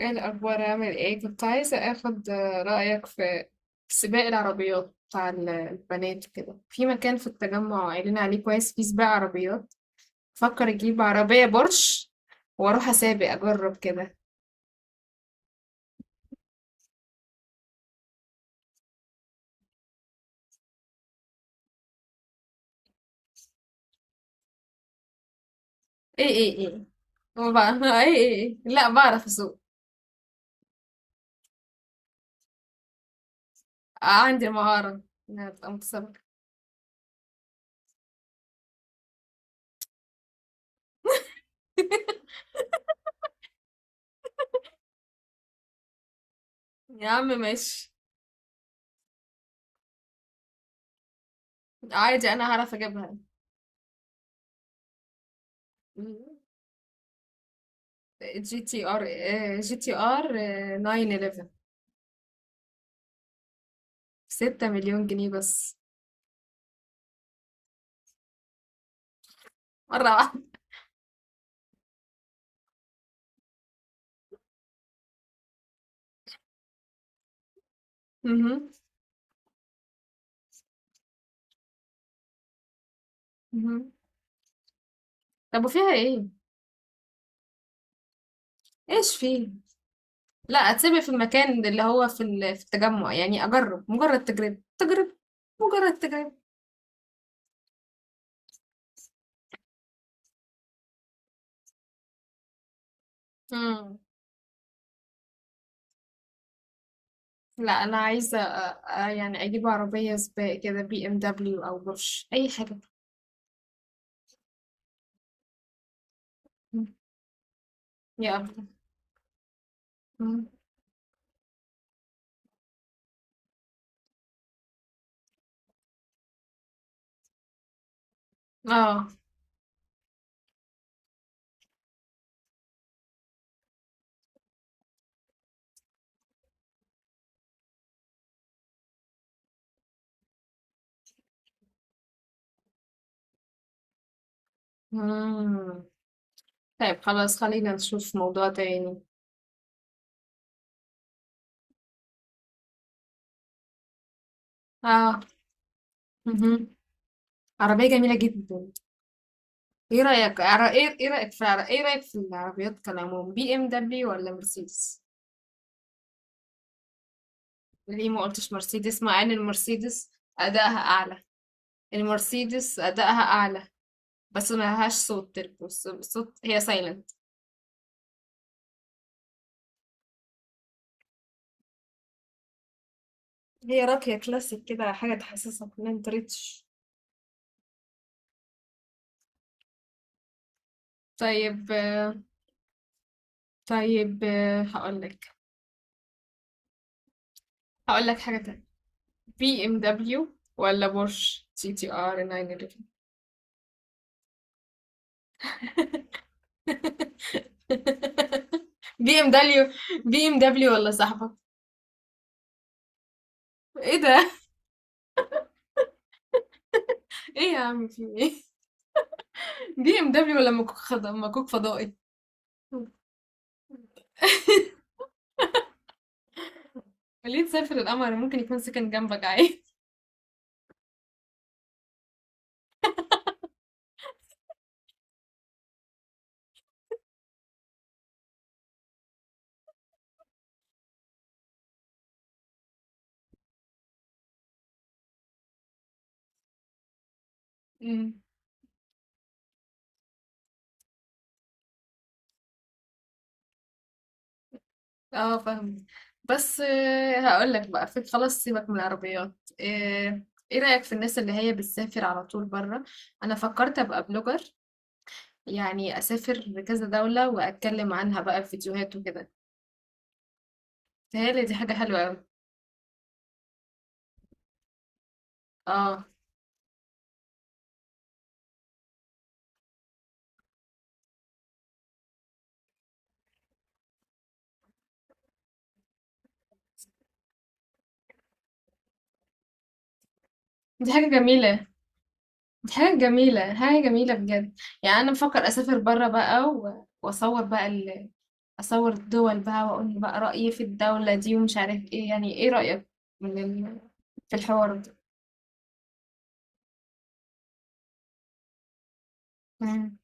ايه الاخبار؟ عامل ايه؟ كنت عايزه اخد رايك في سباق العربيات بتاع البنات كده في مكان في التجمع، قايلين عليه كويس، فيه سباق عربيات. فكر اجيب عربيه بورش واروح اسابق، اجرب كده. ايه ايه ايه، هو بقى ايه ايه ايه، لا بعرف اسوق. عندي المهاره انها تبقى متسابقه. يا عم ماشي. عادي، انا هعرف اجيبها. جي تي ار 911. 6 مليون جنيه بس. مرة واحدة. اهم، اهم. طب وفيها إيه؟ إيش فيه؟ لأ أتسيبها في المكان اللي هو في التجمُّع، يعني أجرّب، مجرّد تجربة، تجربة، مجرّد تجربة. إمم. لأ أنا عايزة أ أ يعني أجيب عربية سباق كده، BMW أو Porsche، أي حاجة. إمم. يا أفضل. إمم. آه. إمم. طيب خلاص، خلّينا نشوف موضوع تاني. آه. اهم. عربية جميلة جدًا. إيه رأيك عر إيه إيه رأيك في عر إيه رأيك في العربيات كالعموم، BMW والّا Mercedes؟ ليه ما قلتش مرسيدس، مع ان المرسيدس ادائها اعلى؟ المرسيدس ادائها اعلى، بس ما لهاش صوت، صوت، هي سايلنت. هي راقية كلاسيك كده، حاجة تحسسك ان انت ريتش. طيب آه، طيب، هقولك حاجة تانية. بي ام دبليو ولا بورش سي تي ار 911؟ بي ام دبليو. بي ام دبليو ولا صاحبك؟ ايه ده؟ ايه يا عم؟ في ايه؟ بي ام دبليو ولا مكوك فضائي؟ ليه تسافر القمر؟ ممكن يكون سكن جنبك عادي. أمم. اه، فاهم. بس هقول لك بقى، في خلاص، سيبك من العربيات. ايه؟ إيه رأيك في الناس اللي هي بتسافر على طول بره؟ انا فكرت ابقى بلوجر، يعني اسافر لكذا دولة واتكلم عنها بقى في فيديوهات وكده. تهيألي دي حاجة حلوة قوي. اه. دي حاجة جميلة، حاجة جميلة حاجة جميلة بجد. يعني أنا بفكر أسافر برا بقى، وأصور بقى أصور الدول بقى وأقول بقى رأيي في الدولة دي، ومش عارف إيه. يعني إيه رأيك من ال... في الحوار ده؟ مم.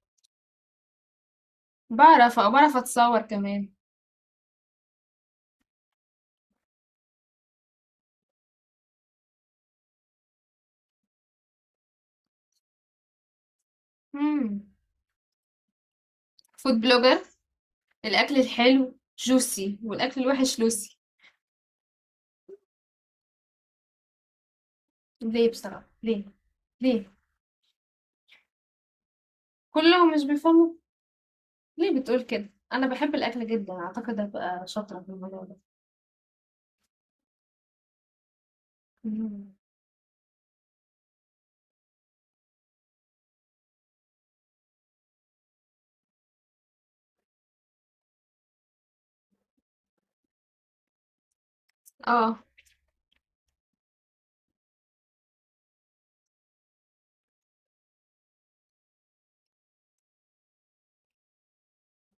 بعرف أتصور كمان. مم. فود بلوجر. الأكل الحلو جوسي والأكل الوحش لوسي. ليه بصراحة؟ ليه؟ ليه؟ كلهم مش بيفهموا. ليه بتقول كده؟ أنا بحب الأكل جدا، أعتقد هبقى شاطرة في الموضوع ده. مم. اه.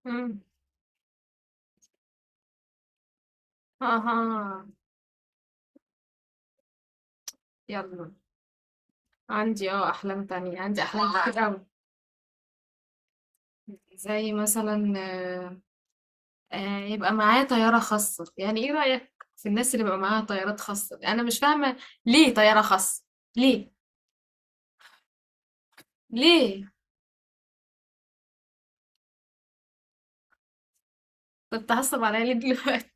مم. أها. يلا، عندي أحلام تانية، عندي أحلام والله كتير أوي. زي مثلا يبقى معايا طيارة خاصة، يعني ايه رأيك في الناس اللي بيبقى معاها طيارات خاصة؟ أنا مش فاهمة ليه طيارة خاصة؟ ليه؟ ليه كنت هصب عليا ليه دلوقتي؟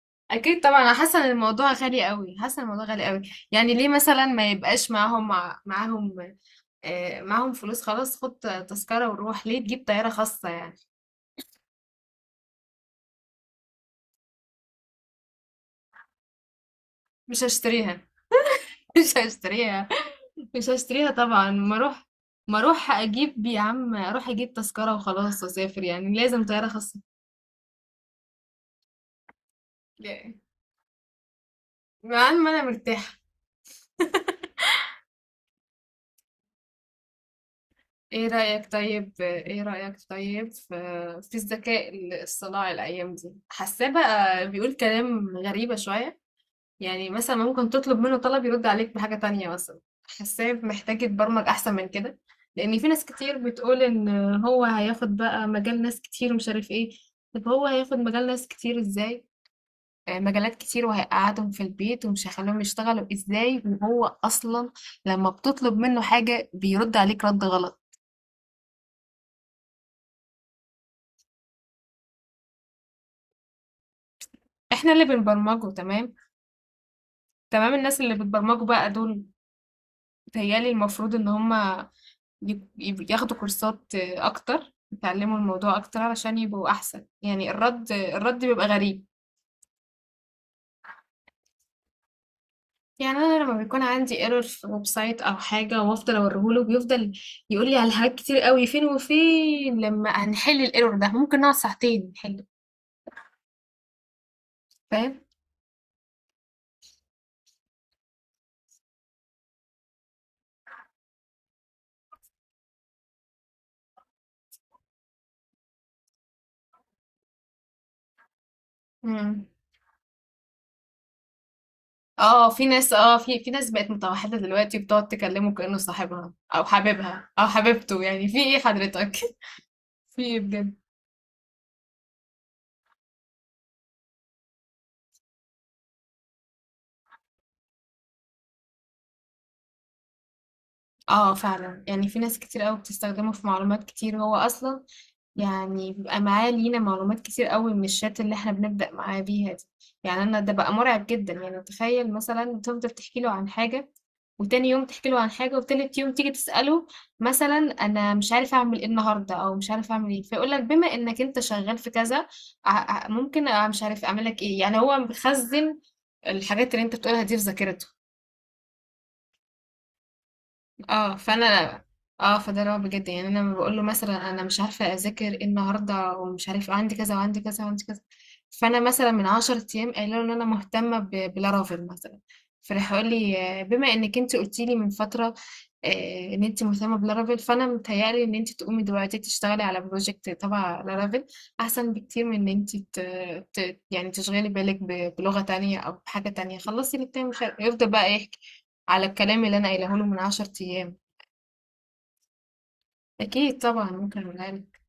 أكيد طبعا أنا حاسة إن الموضوع غالي أوي، حاسة إن الموضوع غالي أوي. يعني ليه مثلا ما يبقاش معاهم، معاهم؟ معاهم فلوس خلاص، خد تذكرة وروح، ليه تجيب طيارة خاصة يعني؟ مش هشتريها. مش هشتريها. مش هشتريها طبعا. ما اروح اجيب، يا عم اروح اجيب تذكرة وخلاص واسافر، يعني لازم طيارة خاصة؟ لا. مع ان ما انا مرتاحة. ايه رأيك طيب في الذكاء الصناعي الايام دي، حاساه بقى بيقول كلام غريبة شوية. يعني مثلا ممكن تطلب منه طلب يرد عليك بحاجة تانية مثلا. حاساه محتاج يتبرمج احسن من كده، لان في ناس كتير بتقول ان هو هياخد بقى مجال ناس كتير، ومش عارف ايه. طب هو هياخد مجال ناس كتير ازاي؟ مجالات كتير وهيقعدهم في البيت، ومش هيخليهم يشتغلوا ازاي، وهو اصلا لما بتطلب منه حاجة بيرد عليك رد غلط. احنا اللي بنبرمجه، تمام، تمام الناس اللي بتبرمجوا بقى دول، بيتهيألي المفروض ان هما ياخدوا كورسات اكتر، يتعلموا الموضوع اكتر علشان يبقوا احسن. يعني الرد بيبقى غريب. يعني انا لما بيكون عندي ايرور في ويب سايت او حاجه وافضل اوريهوله، بيفضل يقول لي على حاجات كتير قوي، فين وفين لما هنحل الايرور ده، ممكن نقعد ساعتين نحله. فاهم؟ مم. اه، في ناس، في ناس بقت متوحده دلوقتي، بتقعد تكلمه كانه صاحبها او حبيبها او حبيبته، يعني في ايه حضرتك؟ في ايه بجد؟ آه فعلًا، يعني في ناس كتير أوي بتستخدمه في معلومات كتير، هو أصلًا يعني بيبقى معاه لينا معلومات كتير أوي من الchat اللي إحنا بنبدأ معاه بيها دي، يعني أنا ده بقى مرعب جدًا، يعني تخيل مثلًا تفضل تحكي له عن حاجة، وتاني يوم تحكي له عن حاجة، وتالت يوم تيجي تسأله مثلًا أنا مش عارف أعمل إيه النهارده، أو مش عارف أعمل إيه، فيقول لك بما إنك أنت شغال في كذا، مش عارف أعمل لك إيه، يعني هو مخزن الحاجات اللي أنت بتقولها دي في ذاكرته. اه، فانا. اه فده اللي هو بجد، يعني انا لما بقول له مثلا انا مش عارفه اذاكر ايه النهارده ومش عارفه عندي كذا وعندي كذا وعندي كذا، فانا مثلا من 10 ايام قايله له ان انا مهتمه بلارافيل مثلا، فراح يقول لي بما انك انت قلتي لي من فتره ان انت مهتمه بلارافيل، فانا متهيألي ان انت تقومي دلوقتي تشتغلي على بروجكت تبع لارافيل احسن بكتير من ان انت يعني تشغلي بالك بلغه تانية او بحاجه تانية، خلصي الاتنين. مش عارفة- يفضل بقى يحكي على الكلام اللي انا قايله له من 10 ايام. أكيد طبعا ممكن أقولها لك.